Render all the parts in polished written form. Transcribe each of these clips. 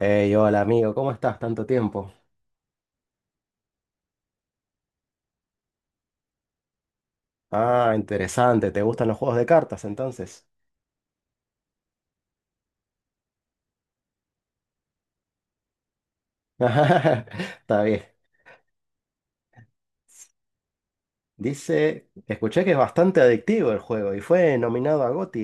Hey, hola amigo, ¿cómo estás? Tanto tiempo. Ah, interesante, ¿te gustan los juegos de cartas entonces? Está bien. Dice, escuché que es bastante adictivo el juego y fue nominado a GOTY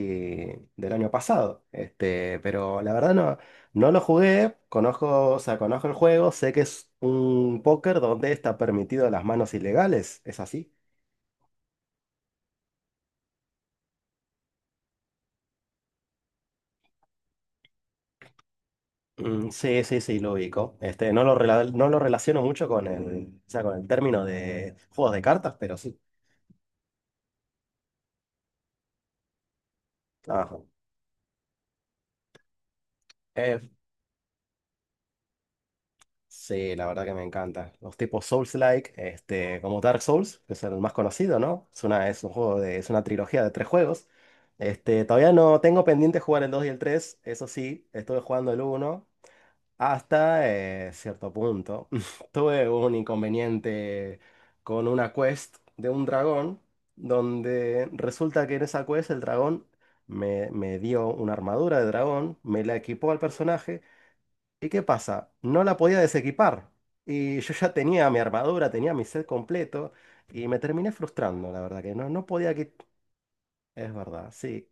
del año pasado. Este, pero la verdad no lo jugué, conozco, o sea, conozco el juego, sé que es un póker donde está permitido las manos ilegales, ¿es así? Mm, sí, sí, sí, lo ubico. Este, no lo relaciono mucho con el, o sea, con el término de juegos de cartas, pero sí. Ajá. Eh, sí, la verdad que me encanta. Los tipos Souls-like, este, como Dark Souls, que es el más conocido, ¿no? Es una trilogía de tres juegos. Este, todavía no tengo pendiente jugar el 2 y el 3 eso sí, estuve jugando el uno hasta cierto punto. Tuve un inconveniente con una quest de un dragón, donde resulta que en esa quest el dragón me dio una armadura de dragón, me la equipó al personaje. ¿Y qué pasa? No la podía desequipar. Y yo ya tenía mi armadura, tenía mi set completo. Y me terminé frustrando, la verdad, que no, no podía quitar. Es verdad, sí.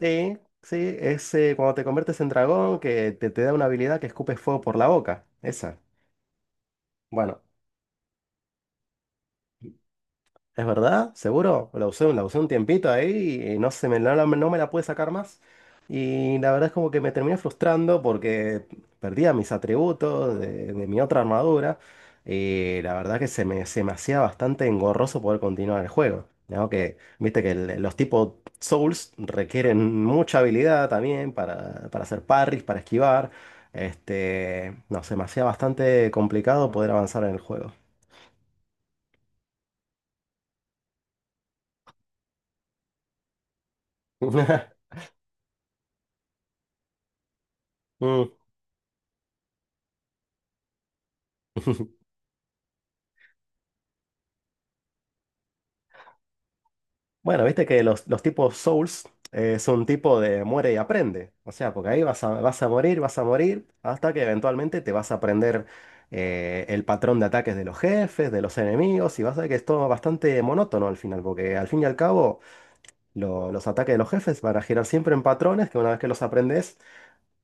Sí, sí, es cuando te conviertes en dragón que te da una habilidad que escupes fuego por la boca. Esa. Bueno, ¿es verdad? ¿Seguro? La usé un tiempito ahí y no se me, no, no me la pude sacar más. Y la verdad es como que me terminé frustrando porque perdía mis atributos de mi otra armadura. Y la verdad que se me hacía bastante engorroso poder continuar el juego, ¿no? Que viste que los tipos Souls requieren mucha habilidad también para hacer parries, para esquivar. Este, no, se me hacía bastante complicado poder avanzar en el juego. Mm. Bueno, viste que los tipos Souls es un tipo de muere y aprende. O sea, porque ahí vas a morir, vas a morir, hasta que eventualmente te vas a aprender el patrón de ataques de los jefes, de los enemigos, y vas a ver que es todo bastante monótono al final, porque al fin y al cabo los ataques de los jefes van a girar siempre en patrones que una vez que los aprendes,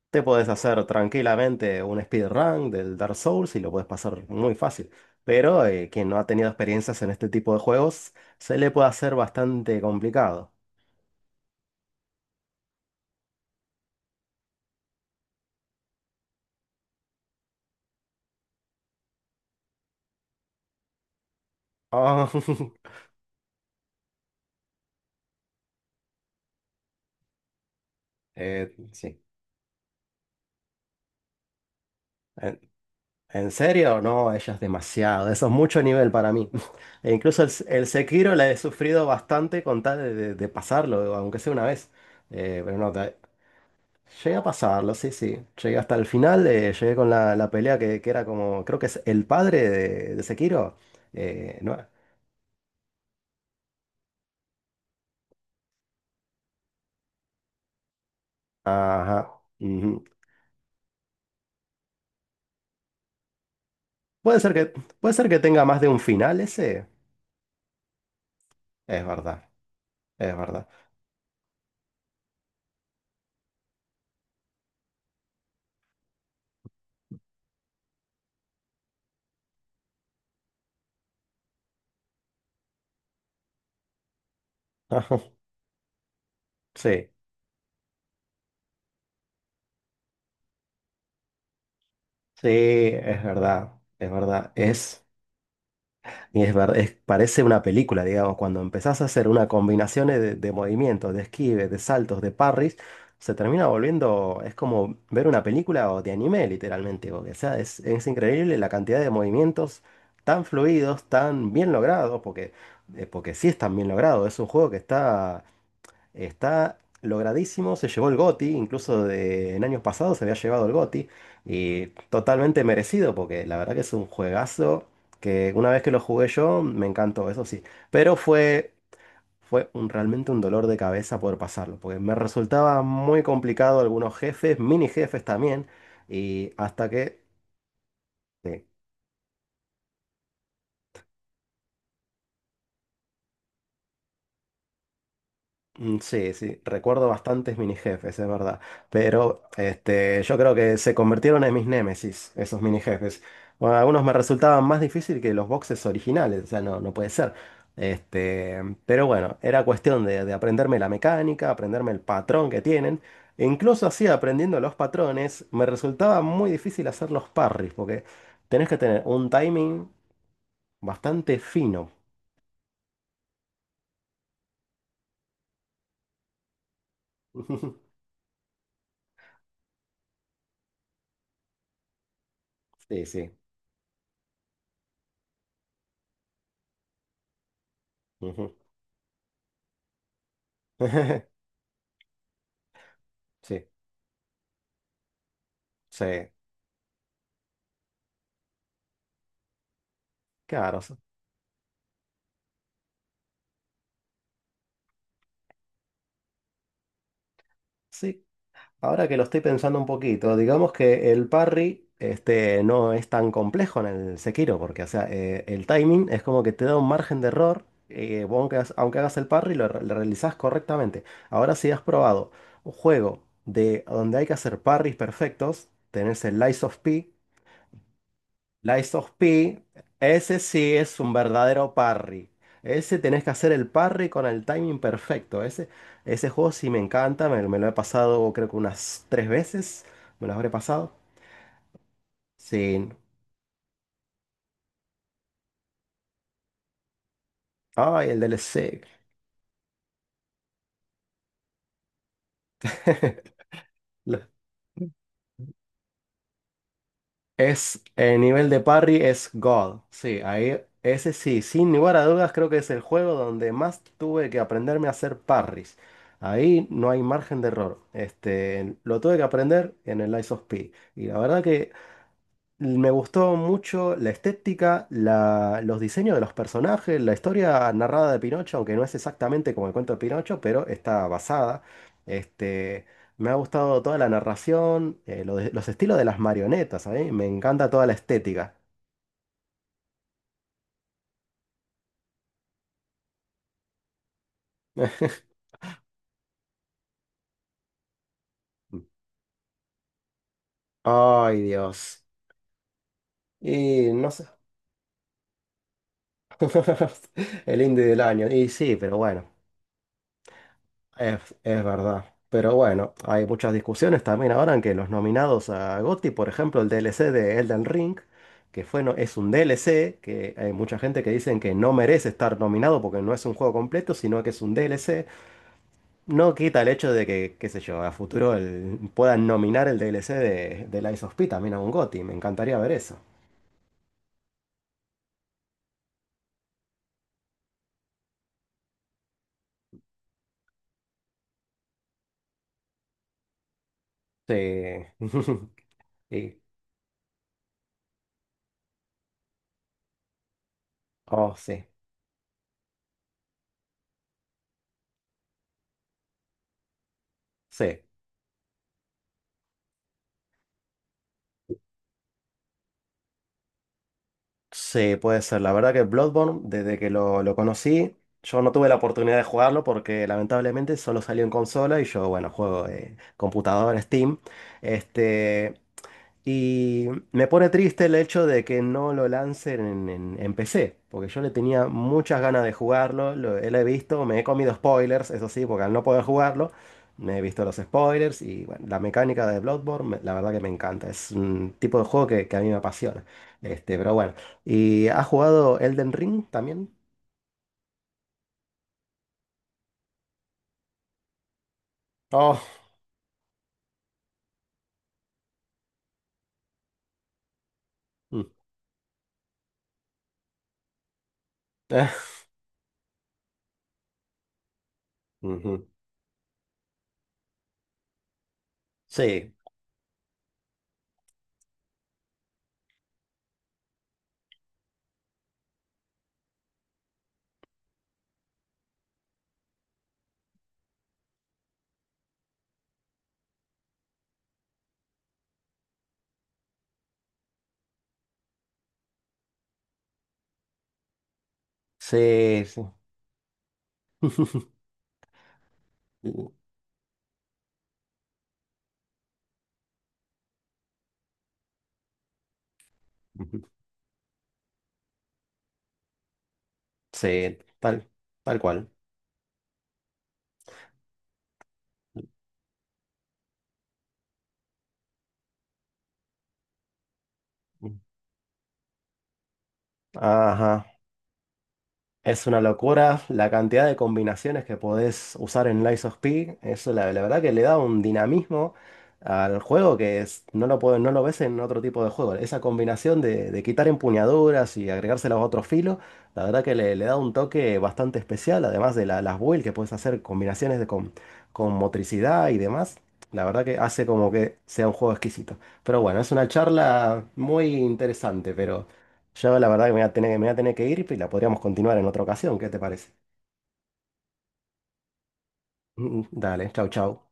te puedes hacer tranquilamente un speedrun del Dark Souls y lo puedes pasar muy fácil. Pero quien no ha tenido experiencias en este tipo de juegos, se le puede hacer bastante complicado. Ah, sí. ¿En, en serio? No, ella es demasiado. Eso es mucho nivel para mí. E incluso el Sekiro la he sufrido bastante con tal de, de pasarlo, aunque sea una vez. Pero no, llegué a pasarlo, sí, sí. Llegué hasta el final, llegué con la pelea que era como, creo que es el padre de Sekiro. No, ajá. Ujú. Puede ser que, puede ser que tenga más de un final ese. Es verdad, es verdad. Ajá, sí. Sí, es verdad, y es verdad, parece una película, digamos, cuando empezás a hacer una combinación de movimientos, de esquives, de saltos, de parries, se termina volviendo, es como ver una película o de anime, literalmente, porque, o sea, es increíble la cantidad de movimientos tan fluidos, tan bien logrados, porque, porque sí están bien logrados, es un juego que está logradísimo, se llevó el GOTY, incluso en años pasados se había llevado el GOTY, y totalmente merecido, porque la verdad que es un juegazo que una vez que lo jugué yo, me encantó, eso sí. Pero realmente un dolor de cabeza poder pasarlo, porque me resultaba muy complicado algunos jefes, mini jefes también, y hasta que... Sí. Mm, sí, sí, recuerdo bastantes mini jefes, es verdad. Pero este, yo creo que se convirtieron en mis némesis, esos mini jefes. Bueno, algunos me resultaban más difícil que los boxes originales, o sea, no, no puede ser. Este, pero bueno, era cuestión de aprenderme la mecánica, aprenderme el patrón que tienen. E incluso así, aprendiendo los patrones, me resultaba muy difícil hacer los parries, porque tenés que tener un timing bastante fino. Sí, sí. Ujú. Sí, sí. Claro, sí. Ahora que lo estoy pensando un poquito, digamos que el parry este, no es tan complejo en el Sekiro, porque o sea, el timing es como que te da un margen de error, vos aunque hagas el parry, lo realizás correctamente. Ahora si has probado un juego de donde hay que hacer parries perfectos, tenés el Lies of P, ese sí es un verdadero parry. Ese tenés que hacer el parry con el timing perfecto. Ese juego sí me encanta, me lo he pasado creo que unas tres veces. Me lo habré pasado. Sí. Ay, el DLC. Es el nivel de parry es God. Sí, ahí ese sí, sin lugar a dudas creo que es el juego donde más tuve que aprenderme a hacer parries. Ahí no hay margen de error. Este, lo tuve que aprender en el Lies of P. Y la verdad que me gustó mucho la estética, los diseños de los personajes, la historia narrada de Pinocho, aunque no es exactamente como el cuento de Pinocho, pero está basada. Este, me ha gustado toda la narración, los estilos de las marionetas, a mí me encanta toda la estética. Ay, Dios. Y no sé. El indie del año. Y sí, pero bueno. Es verdad. Pero bueno, hay muchas discusiones también ahora en que los nominados a GOTY, por ejemplo, el DLC de Elden Ring, que fue, no, es un DLC, que hay mucha gente que dicen que no merece estar nominado porque no es un juego completo, sino que es un DLC. No quita el hecho de que, qué sé yo, a futuro puedan nominar el DLC de Lies of P también a un GOTY. Me encantaría ver eso. Sí. Y- oh, sí. Sí. Sí, puede ser. La verdad que Bloodborne, desde que lo conocí, yo no tuve la oportunidad de jugarlo porque lamentablemente solo salió en consola y yo, bueno, juego computadora, Steam. Este. Y me pone triste el hecho de que no lo lancen en, en PC, porque yo le tenía muchas ganas de jugarlo, lo he visto, me he comido spoilers, eso sí, porque al no poder jugarlo, me he visto los spoilers y bueno, la mecánica de Bloodborne, la verdad que me encanta, es un tipo de juego que a mí me apasiona. Este, pero bueno, ¿y has jugado Elden Ring también? Oh, mm, eh, ujú. Sí, sí, sí. Ujú. Sí, tal tal cual. Ajá. Es una locura la cantidad de combinaciones que podés usar en Lies of P. Eso la verdad que le da un dinamismo al juego que no lo ves en otro tipo de juego. Esa combinación de quitar empuñaduras y agregárselas a otro filo, la verdad que le da un toque bastante especial, además de las builds que puedes hacer, combinaciones con motricidad y demás. La verdad que hace como que sea un juego exquisito. Pero bueno, es una charla muy interesante, yo la verdad que me voy a tener que ir y la podríamos continuar en otra ocasión. ¿Qué te parece? Dale, chau, chau.